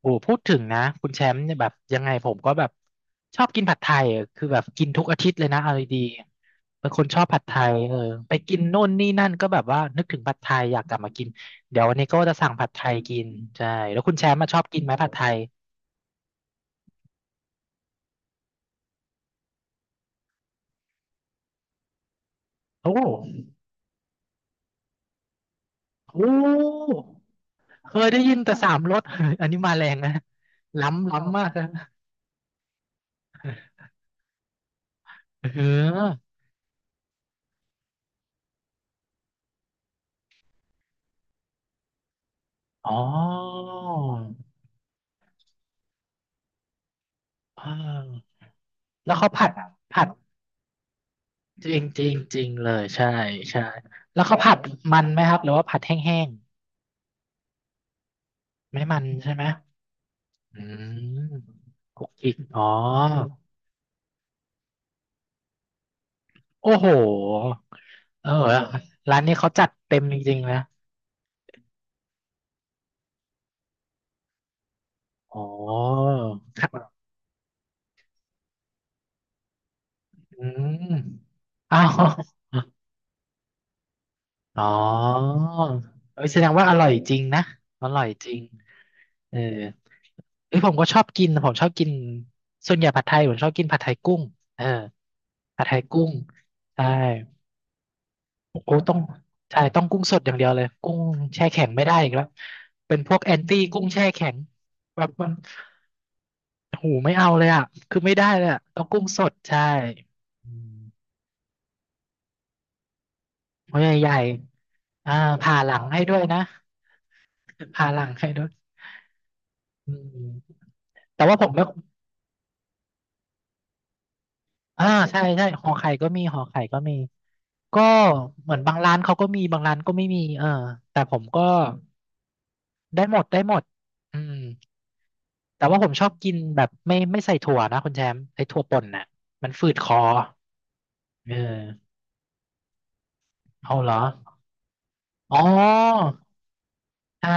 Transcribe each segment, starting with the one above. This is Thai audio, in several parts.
โอ้พูดถึงนะคุณแชมป์เนี่ยแบบยังไงผมก็แบบชอบกินผัดไทยอะคือแบบกินทุกอาทิตย์เลยนะเอาดีๆเป็นคนชอบผัดไทยเออไปกินโน่นนี่นั่นก็แบบว่านึกถึงผัดไทยอยากกลับมากินเดี๋ยววันนี้ก็จะสั่งผัดไทยกินใช่แล้วคุณแชมป์มาชอบกินไหมผัดไทยโอ้โห้เคยได้ยินแต่สามรส อันนี้มาแรงนะล้ำมากนะเอออ๋อเอ่าแล้วเขาผัดผัด จริงจริงจริงเลยใช่ใช่แล้วเขาผัดมันไหมครับหรือว่าผัดแห้งๆไม่มันใช่ไหมอืมคลุกกีกอ๋อโอ้โหเออร้านนี้เขาจัดเต็มจริงๆนะอ๋อครับอืมอ้าว อ๋อเอ้ยแสดงว่าอร่อยจริงนะอร่อยจริงเออเอ้ยผมก็ชอบกินผมชอบกินส่วนใหญ่ผัดไทยผมชอบกินผัดไทยกุ้งเออผัดไทยกุ้งใช่โอ้ต้องใช่ต้องกุ้งสดอย่างเดียวเลยกุ้งแช่แข็งไม่ได้อีกแล้วเป็นพวกแอนตี้กุ้งแช่แข็งแบบมันหูไม่เอาเลยอ่ะคือไม่ได้เลยอ่ะต้องกุ้งสดใช่อืมหัวใหญ่ๆอ่าผ่าหลังให้ด้วยนะผ่าหลังให้ด้วยอืม แต่ว่าผมไม่อ่าใช่ใช่หอไข่ก็มีหอไข่ก็มี ก็เหมือนบางร้านเขาก็มีบางร้านก็ไม่มีเออแต่ผมก็ได้หมดได้หมดอืมแต่ว่าผมชอบกินแบบไม่ใส่ถั่วนะคุณแชมป์ไอ้ถั่วป่นน่ะมันฝืดคอเออเอาเหรออ๋อใช่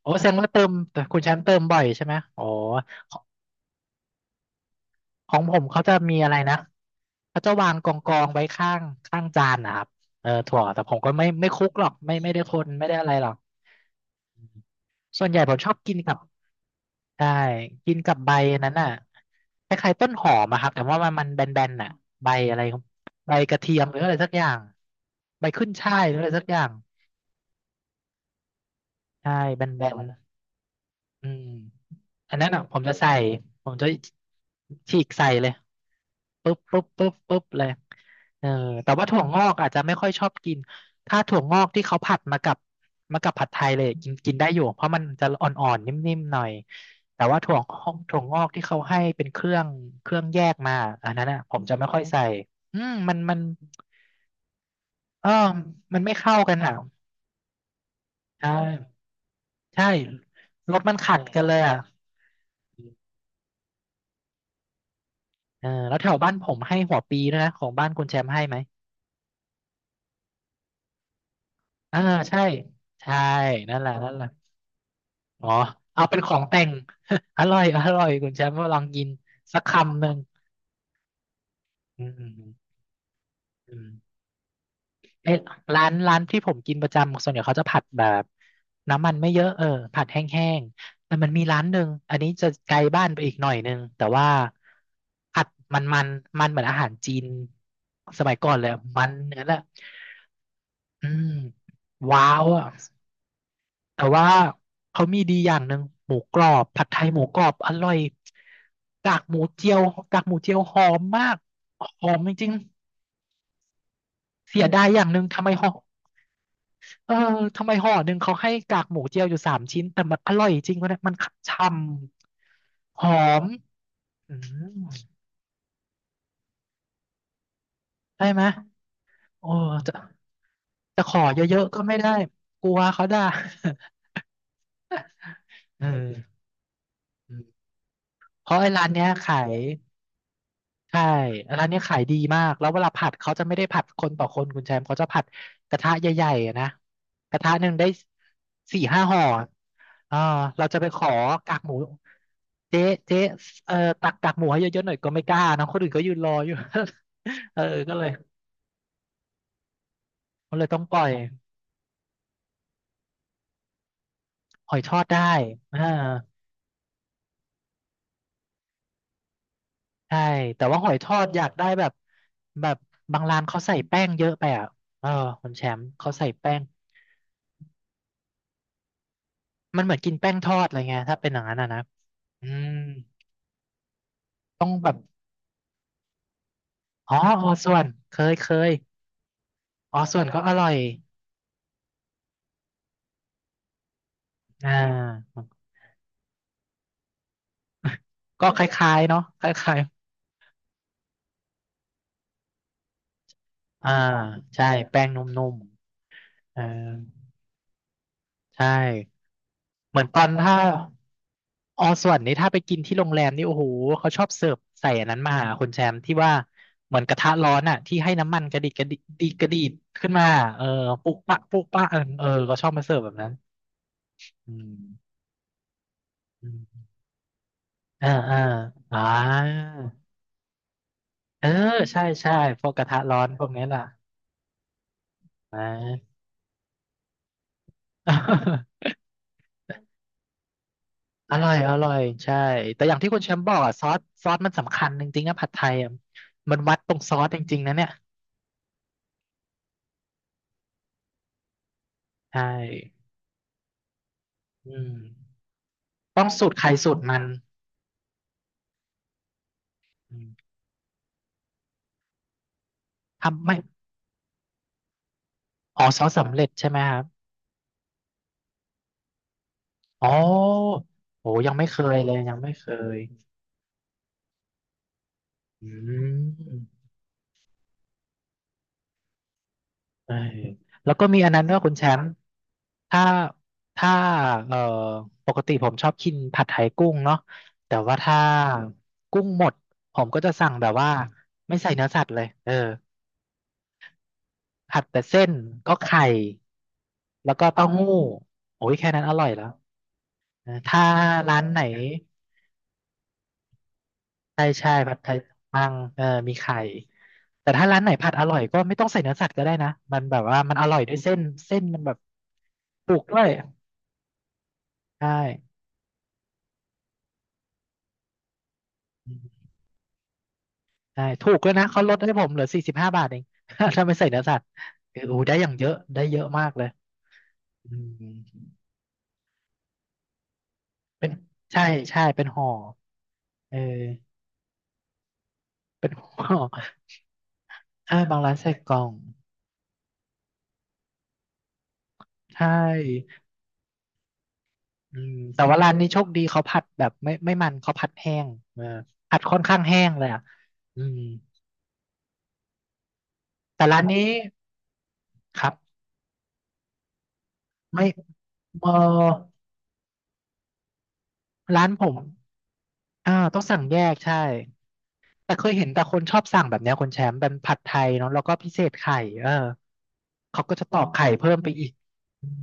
โอ้แสดงว่าเติมแต่คุณแชมป์เติมบ่อยใช่ไหมโอ้ของผมเขาจะมีอะไรนะเขาจะวางกองไว้ข้างจานนะครับเออถั่วแต่ผมก็ไม่คลุกหรอกไม่ได้คนไม่ได้อะไรหรอก ส่วนใหญ่ผมชอบกินกับใช่กินกับใบนั้นน่ะคล้ายๆต้นหอมอะครับแต่ว่ามันมันแบนๆน่ะใบอะไรครับใบกระเทียมหรืออะไรสักอย่าง ใบขึ้นฉ่ายหรืออะไรสักอย่างใช่แบนๆอืม อันนั้นอ่ะผมจะใส่ผมจะฉีกใส่เลยปุ๊บปุ๊บปุ๊บปุ๊บเลยเออแต่ว่าถั่วงอกอาจจะไม่ค่อยชอบกินถ้าถั่วงอกที่เขาผัดมากับมากับผัดไทยเลยกินกินได้อยู่เพราะมันจะอ่อนๆนิ่มๆหน่อยแต่ว่าถั่วงอกถั่วงอกที่เขาให้เป็นเครื่องเครื่องแยกมาอันนั้นอ่ะผมจะไม่ค่อยใส่อืมมันมันเออมันไม่เข้ากันอ่ะใช่ใช่รสมันขัดกันเลยอ่ะ เออแล้วแถวบ้านผมให้หัวปีด้วยนะของบ้านคุณแชมป์ให้ไหมอ่าใช่ใช่นั่นแหละนั่นแหละอ๋อเอาเป็นของแต่ง อร่อยอร่อยคุณแชมป์ว่าลองกินสักคำหนึ่งอืมอืมเอ๊ะร้านร้านที่ผมกินประจำส่วนใหญ่เขาจะผัดแบบน้ำมันไม่เยอะเออผัดแห้งๆแต่มันมีร้านหนึ่งอันนี้จะไกลบ้านไปอีกหน่อยหนึงแต่ว่าผัดมันมันเหมือนอาหารจีนสมัยก่อนเลยมันอย่างนั้นแหละอืมว้าวอ่ะ แต่ว่าเขามีดีอย่างหนึ่งหมูกรอบผัดไทยหมูกรอบอร่อยกากหมูเจียวกากหมูเจียวหอมมากหอมจริงๆเสียดายอย่างหนึ่งทำไมห่อเออทำไมห่อหนึ่งเขาให้กากหมูเจียวอยู่สามชิ้นแต่มันอร่อยจริงวะเนี่ยมันช่ำหอมอืมได้ไหมโอ้จะจะขอเยอะๆก็ไม่ได้กลัวเขาด่า เออเพราะไอ้ร้านเนี้ยขาย ใช่ร้านเนี้ยขายดีมากแล้วเวลาผัดเขาจะไม่ได้ผัดคนต่อคนคุณแชมป์เขาจะผัดกระทะใหญ่ๆอะนะกระทะหนึ่งได้สี่ห้าห่ออ่าเราจะไปขอกากหมูเจ๊เจ๊เอ่อตักกากหมูให้เยอะๆหน่อยก็ไม่กล้าเนอะคนอื่นก็ยืนรออยู่ เออก็เลยก็เลยต้องปล่อยหอยทอดได้อ่าใช่แต่ว่าหอยทอดอยากได้แบบแบบบางร้านเขาใส่แป้งเยอะไปอ่ะเออคุณแชมป์เขาใส่แป้งมันเหมือนกินแป้งทอดอะไรเงี้ยถ้าเป็นอย่างนั้นอะนะ อืมต้องแบบอ๋อออส่วนเคยเคยออส่วนก็อร่อยอ่าก็คล้ายๆเนาะคล้ายๆอ่าใช่แป้งนุ่มๆเออใช่เหมือนตอนถ้าออส่วนนี้ถ้าไปกินที่โรงแรมนี่โอ้โหเขาชอบเสิร์ฟใส่อันนั้นมาหาคุณแชมป์ที่ว่าเหมือนกระทะร้อนอ่ะที่ให้น้ำมันกระดิดกระดิดดีกระดิดขึ้นมาเออปุ๊กปะปุ๊กปะเออเออเขาชอบมาเสิร์ฟแบบนั้นอืมอมอ่าอ่าอ่า เออใช่ใช่พวกกระทะร้อนพวกนี้น่ะอะ อร่อยอร่อยใช่แต่อย่างที่คุณแชมป์บอกอ่ะซอสมันสำคัญจริงๆนะผัดไทยอ่ะมันวัดตรงซอสจริงๆนะเนี่ยใช่อืมต้องสูตรใครสูตรมันอืมทำไม่อ๋อซอสสำเร็จใช่ไหมครับอ๋อโหยังไม่เคยเลยยังไม่เคยอืมเออแล้วก็มีอันนั้นด้วยคุณแชมป์ ถ้าถ้าเอ่อปกติผมชอบกินผัดไทยกุ้งเนาะแต่ว่าถ้ากุ้งหมดผมก็จะสั่งแบบว่าไม่ใส่เนื้อสัตว์เลยเออผัดแต่เส้นก็ไข่แล้วก็เต้าหู้โอ้ยแค่นั้นอร่อยแล้วเออถ้าร้านไหนใช่ใช่ผัดไทยมังเออมีไข่แต่ถ้าร้านไหนผัดอร่อยก็ไม่ต้องใส่เนื้อสัตว์ก็ได้นะมันแบบว่ามันอร่อยด้วยเส้นเส้นมันแบบปลูกด้วยใช่ ใช่ถูกแล้วยนะเขาลดให้ผมเหลือ45 บาทเอง ถ้าไม่ใส่เนื้อสัตว์เออโอ้ได้อย่างเยอะได้เยอะมากเลยอืมเป็นใช่ใช่เป็นห่อเออเป็นห่อเออบางร้านใส่กล่องใช่อืมแต่ว่าร้านนี้โชคดีเขาผัดแบบไม่มันเขาผัดแห้งเออผัดค่อนข้างแห้งเลยอ่ะอืมแต่ร้านนี้ครับไม่เออร้านผมอ่าต้องสั่งแยกใช่ แต่เคยเห็นแต่คนชอบสั่งแบบเนี้ยคนแชมป์เป็นผัดไทยเนาะแล้วก็พิเศษไข่เออเขาก็จะตอกอไข่เพิ่มไปอีกอืม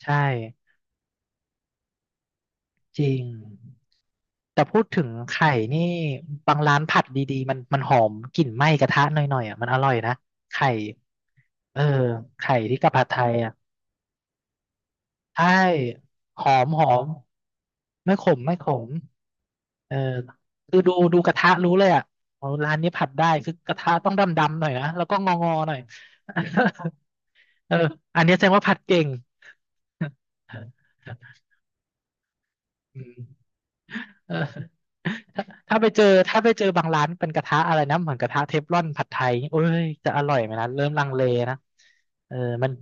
ใช่จริงแต่พูดถึงไข่นี่บางร้านผัดดีๆมันหอมกลิ่นไหม้กระทะหน่อยๆอ่ะมันอร่อยนะไข่เออไข่ที่กับผัดไทยอ่ะ ใช่หอมหอมไม่ขมไม่ขมเออคือดูดูกระทะรู้เลยอ่ะอ๋อร้านนี้ผัดได้คือกระทะต้องดำๆหน่อยนะแล้วก็งองอหน่อย เอออันนี้แสดงว่าผัดเก่ง อืม เออถ้าถ้าไปเจอถ้าไปเจอบางร้านเป็นกระทะอะไรนะเหมือนกระทะเทฟลอนผัดไทยโอ้ยจะอร่อยไหมนะเริ่มลังเลนะเออมัน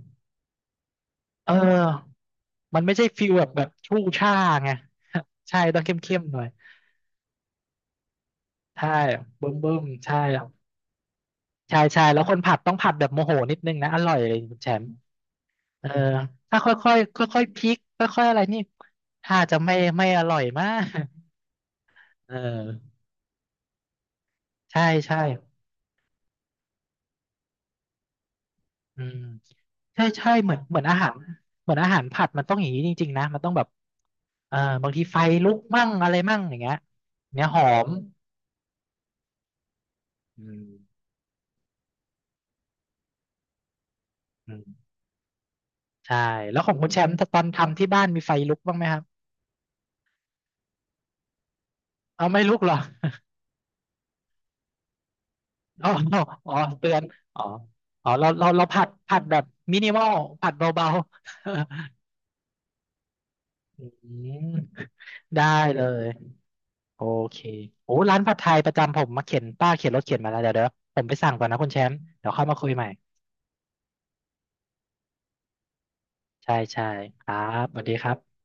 เออมันไม่ใช่ฟิลแบบแบบชู่ช่าไง ใช่ต้องเข้มๆหน่อย ใช่เบิ่มเบิ่มใช่ครับใช่ใช่แล้วคนผัดต้องผัดแบบโมโหนิดนึงนะอร่อยเลยคุณแชมป์เออถ้าค่อยค่อยค่อยค่อยๆพลิกค่อยค่อยอะไรนี่ถ้าจะไม่อร่อยมากเออใช่ใช่อืมใช่ใช่เหมือนเหมือนอาหารเหมือนอาหารผัดมันต้องอย่างนี้จริงๆนะมันต้องแบบเออบางทีไฟลุกมั่งอะไรมั่งอย่างเงี้ยเนี่ยหอมอืมอืมใช่แล้วของคุณแชมป์ตอนทำที่บ้านมีไฟลุกบ้างไหมครับเอาไม่ลุกเหรอ อ๋ออ๋อเตือนอ๋ออ๋อเราผัดแบบมินิมอล ผัดเบาๆ อืมได้เลย โอเคโอ้ร้านผัดไทยประจำผมมาเข็นป้าเข็นรถเข็นมาแล้วเดี๋ยวเดี๋ยวผมไปสั่งก่อนนะคุณแชมป์เดี๋ยวเข้ามาคุยใหม่ ใช่ใช่ครับ สวัสดีครับ